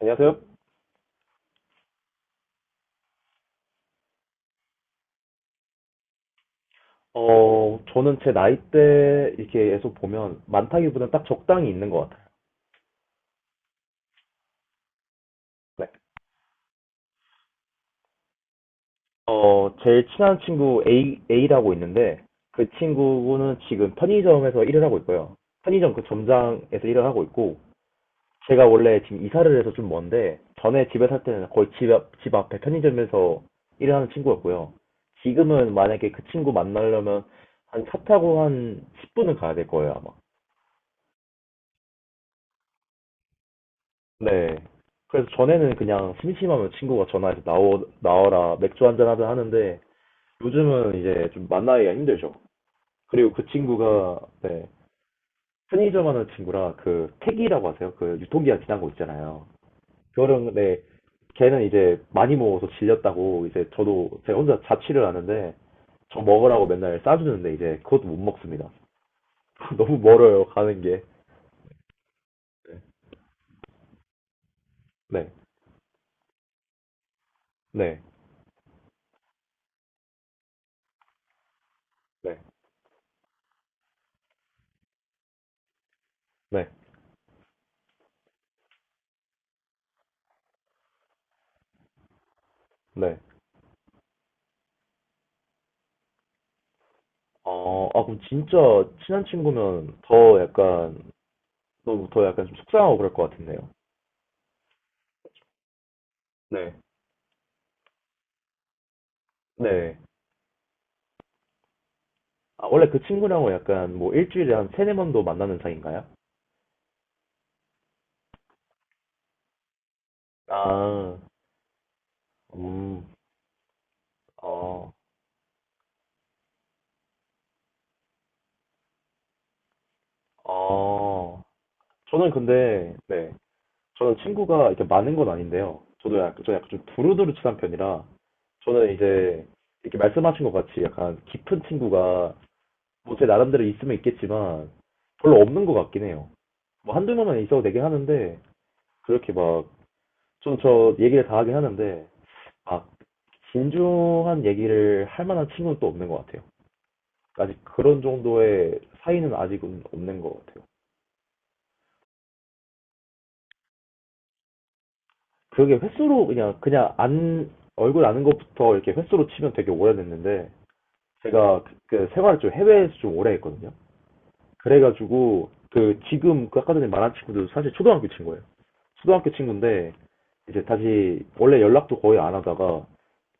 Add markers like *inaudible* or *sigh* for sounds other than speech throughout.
안녕하세요. 저는 제 나이대 이렇게 계속 보면 많다기보다는 딱 적당히 있는 것 같아요. 네. 제일 친한 친구 A라고 있는데 그 친구는 지금 편의점에서 일을 하고 있고요. 편의점 그 점장에서 일을 하고 있고 제가 원래 지금 이사를 해서 좀 먼데 전에 집에 살 때는 거의 집 앞에 편의점에서 일을 하는 친구였고요. 지금은 만약에 그 친구 만나려면 한 차 타고 한 10분은 가야 될 거예요, 아마. 네. 그래서 전에는 그냥 심심하면 친구가 전화해서 나와라, 맥주 한잔 하자 하는데 요즘은 이제 좀 만나기가 힘들죠. 그리고 그 친구가, 네, 편의점 하는 친구라 그 택이라고 하세요. 그 유통기한 지난 거 있잖아요. 그거랑, 네, 걔는 이제 많이 먹어서 질렸다고 이제 저도 제가 혼자 자취를 하는데 저 먹으라고 맨날 싸주는데 이제 그것도 못 먹습니다. *laughs* 너무 멀어요, 가는 게. 네, 네, 네, 네, 네. 그럼 진짜 친한 친구면 더 약간, 더 약간 좀 속상하고 그럴 것 같은데요. 네. 네. 아, 원래 그 친구랑은 약간 뭐 일주일에 한 세네 번도 만나는 사이인가요? 아, 음, 어, 어. 저는 근데, 네. 저는 친구가 이렇게 많은 건 아닌데요. 저도 약간, 저 약간 좀 두루두루 친한 편이라, 저는 이제, 이렇게 말씀하신 것 같이 약간 깊은 친구가 뭐 제 나름대로 있으면 있겠지만 별로 없는 것 같긴 해요. 뭐 한두 명만 있어도 되긴 하는데 그렇게 막 좀 저 얘기를 다 하긴 하는데 막 진중한 얘기를 할 만한 친구는 또 없는 것 같아요. 아직 그런 정도의 사이는 아직은 없는 것 같아요. 그게 횟수로 그냥 안 얼굴 아는 것부터 이렇게 횟수로 치면 되게 오래됐는데 제가 그 생활을 좀 해외에서 좀 오래 했거든요. 그래가지고 그 지금 그 아까 전에 말한 친구들도 사실 초등학교 친구예요. 초등학교 친구인데 이제 다시 원래 연락도 거의 안 하다가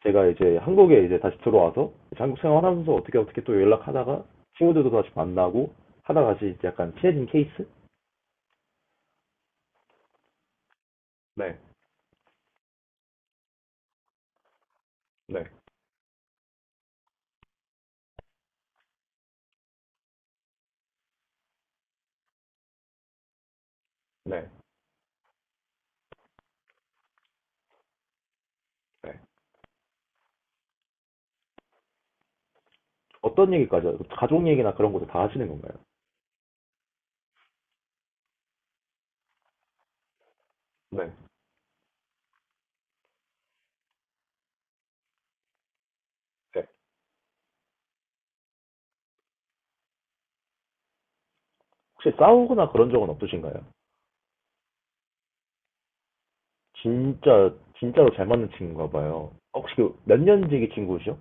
제가 이제 한국에 이제 다시 들어와서 이제 한국 생활하면서 어떻게 어떻게 또 연락하다가 친구들도 다시 만나고 하다가 다시 이제 약간 친해진 케이스? 네, 네, 네, 네. 어떤 얘기까지 하죠? 가족 얘기나 그런 것도 다 하시는 건가요? 네. 네. 혹시 싸우거나 그런 적은 없으신가요? 진짜 진짜로 잘 맞는 친구인가 봐요. 혹시 그 몇 년지기 친구시죠?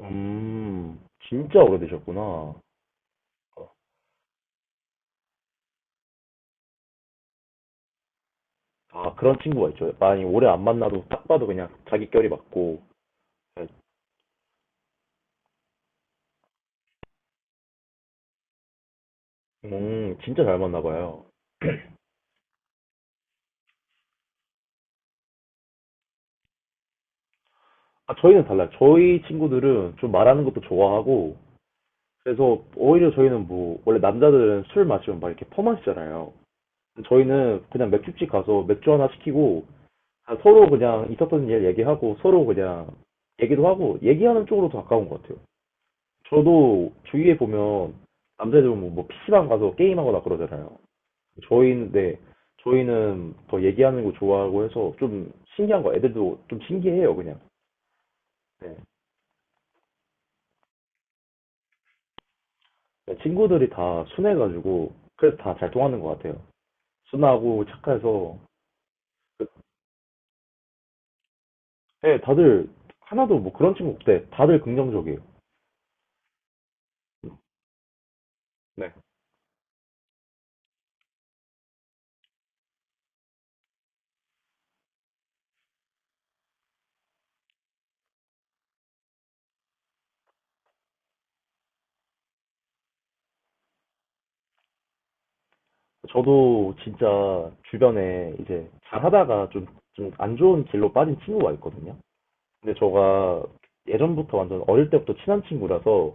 음, 진짜 오래되셨구나. 아, 그런 친구가 있죠. 많이 오래 안 만나도 딱 봐도 그냥 자기 결이 맞고. 진짜 잘 맞나 봐요. 아, 저희는 달라요. 저희 친구들은 좀 말하는 것도 좋아하고, 그래서 오히려 저희는 뭐, 원래 남자들은 술 마시면 막 이렇게 퍼마시잖아요. 저희는 그냥 맥주집 가서 맥주 하나 시키고, 아, 서로 그냥 있었던 일 얘기하고, 서로 그냥 얘기도 하고, 얘기하는 쪽으로 더 가까운 것 같아요. 저도 주위에 보면 남자애들 보면 뭐 PC방 가서 게임하거나 그러잖아요. 저희인데 저희는 더 얘기하는 거 좋아하고 해서 좀 신기한 거 애들도 좀 신기해요 그냥. 네. 그러니까 친구들이 다 순해가지고 그래서 다 잘 통하는 것 같아요. 순하고 착해서 네, 다들 하나도 뭐 그런 친구 없대. 다들 긍정적이에요. 네. 저도 진짜 주변에 이제 잘하다가 좀 안 좋은 길로 빠진 친구가 있거든요. 근데 저가 예전부터 완전 어릴 때부터 친한 친구라서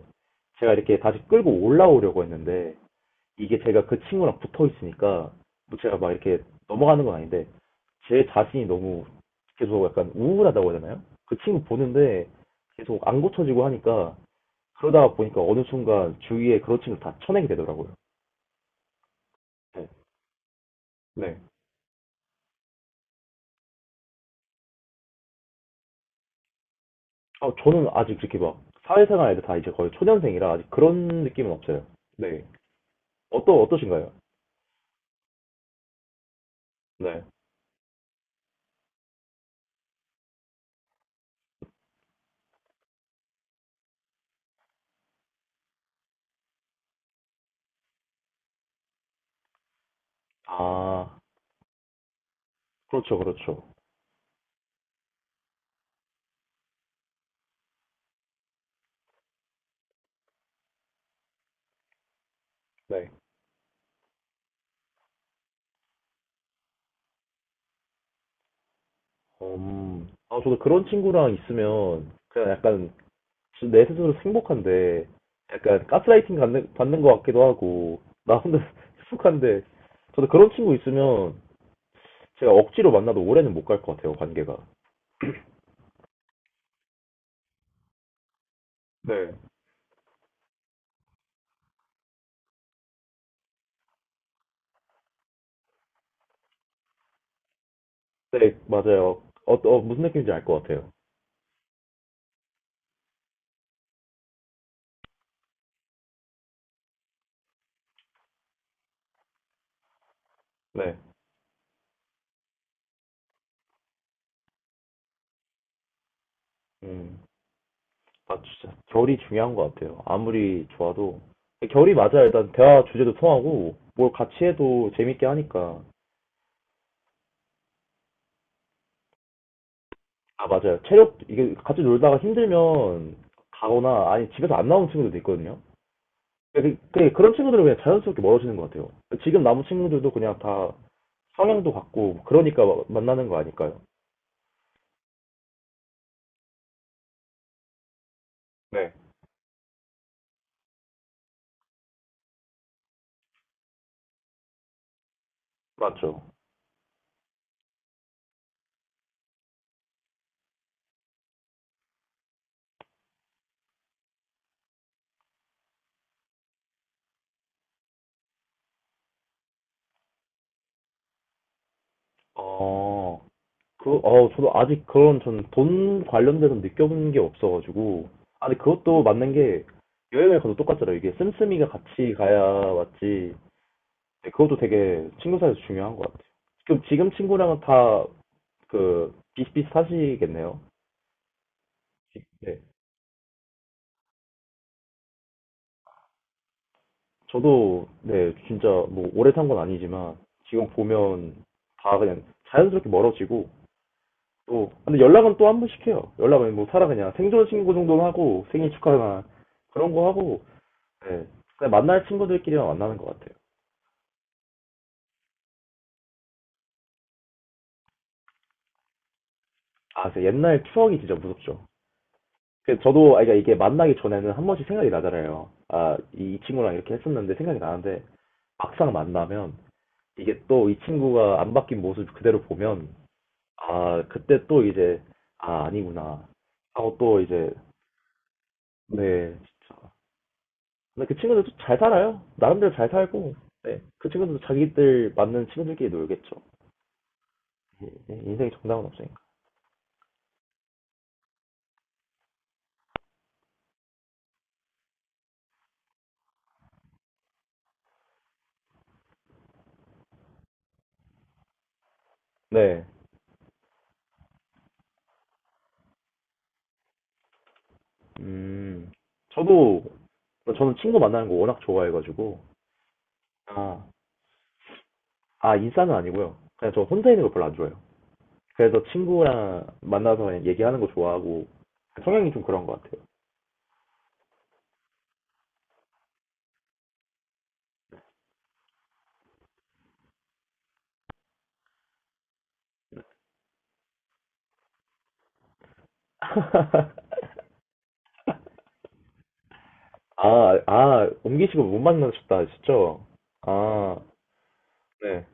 제가 이렇게 다시 끌고 올라오려고 했는데 이게 제가 그 친구랑 붙어 있으니까 뭐 제가 막 이렇게 넘어가는 건 아닌데 제 자신이 너무 계속 약간 우울하다고 해야 되나요? 그 친구 보는데 계속 안 고쳐지고 하니까 그러다가 보니까 어느 순간 주위에 그런 친구 다 쳐내게 되더라고요. 네. 네. 아, 저는 아직 그렇게 막 사회생활에도 다 이제 거의 초년생이라 아직 그런 느낌은 없어요. 네. 어떠신가요? 네. 아, 그렇죠, 그렇죠. 네. 아, 저도 그런 친구랑 있으면 그냥 약간 내 스스로 행복한데 약간 가스라이팅 받는 것 같기도 하고 나 혼자 *laughs* 익숙한데 저도 그런 친구 있으면 제가 억지로 만나도 오래는 못 갈 것 같아요, 관계가. 네, 맞아요. 무슨 느낌인지 알 것 같아요. 네. 음, 아, 진짜 결이 중요한 것 같아요. 아무리 좋아도 결이 맞아야 일단 대화 주제도 통하고 뭘 같이 해도 재밌게 하니까. 아, 맞아요. 체력, 이게 같이 놀다가 힘들면 가거나, 아니, 집에서 안 나오는 친구들도 있거든요. 그런 친구들은 그냥 자연스럽게 멀어지는 것 같아요. 지금 남은 친구들도 그냥 다 성향도 같고, 그러니까 만나는 거 아닐까요? 네. 맞죠. 어, 저도 아직 그런, 전 돈 관련돼서 느껴본 게 없어가지고. 아니, 그것도 맞는 게, 여행을 가도 똑같잖아요. 이게 씀씀이가 같이 가야 맞지. 네, 그것도 되게 친구 사이에서 중요한 것 같아요. 지금 친구랑은 다 그 비슷비슷하시겠네요. 네. 저도 네, 진짜 뭐 오래 산 건 아니지만 지금 보면 다 그냥 자연스럽게 멀어지고 또 근데 연락은 또 한 번씩 해요. 연락은 뭐 살아 그냥 생존 신고 정도는 하고 생일 축하나 그런 거 하고 네. 그냥 만날 친구들끼리만 만나는 것 같아요. 아, 그 옛날 추억이 진짜 무섭죠. 그 저도 아 그러니까 이게 만나기 전에는 한 번씩 생각이 나잖아요. 아, 이 친구랑 이렇게 했었는데 생각이 나는데 막상 만나면 이게 또 이 친구가 안 바뀐 모습 그대로 보면 아 그때 또 이제 아 아니구나 하고 또 이제 네 진짜 근데 그 친구들도 잘 살아요 나름대로 잘 살고 네 그 친구들도 자기들 맞는 친구들끼리 놀겠죠 예, 예, 인생에 정답은 없으니까 네음 저도 저는 친구 만나는 거 워낙 좋아해가지고 아, 아 인싸는 아니고요 그냥 저 혼자 있는 거 별로 안 좋아해요 그래서 친구랑 만나서 얘기하는 거 좋아하고 성향이 좀 그런 것 같아요 *laughs* 아, 옮기시고 못 만나셨다 하셨죠? 아, 네.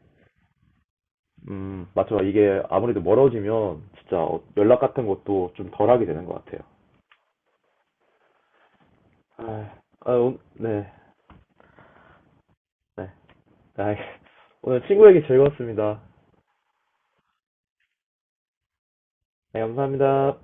맞죠. 이게 아무래도 멀어지면 진짜 연락 같은 것도 좀 덜하게 되는 것 같아요. 아, 네, 네. 아, *laughs* 오늘 친구 얘기 즐거웠습니다. 네, 감사합니다.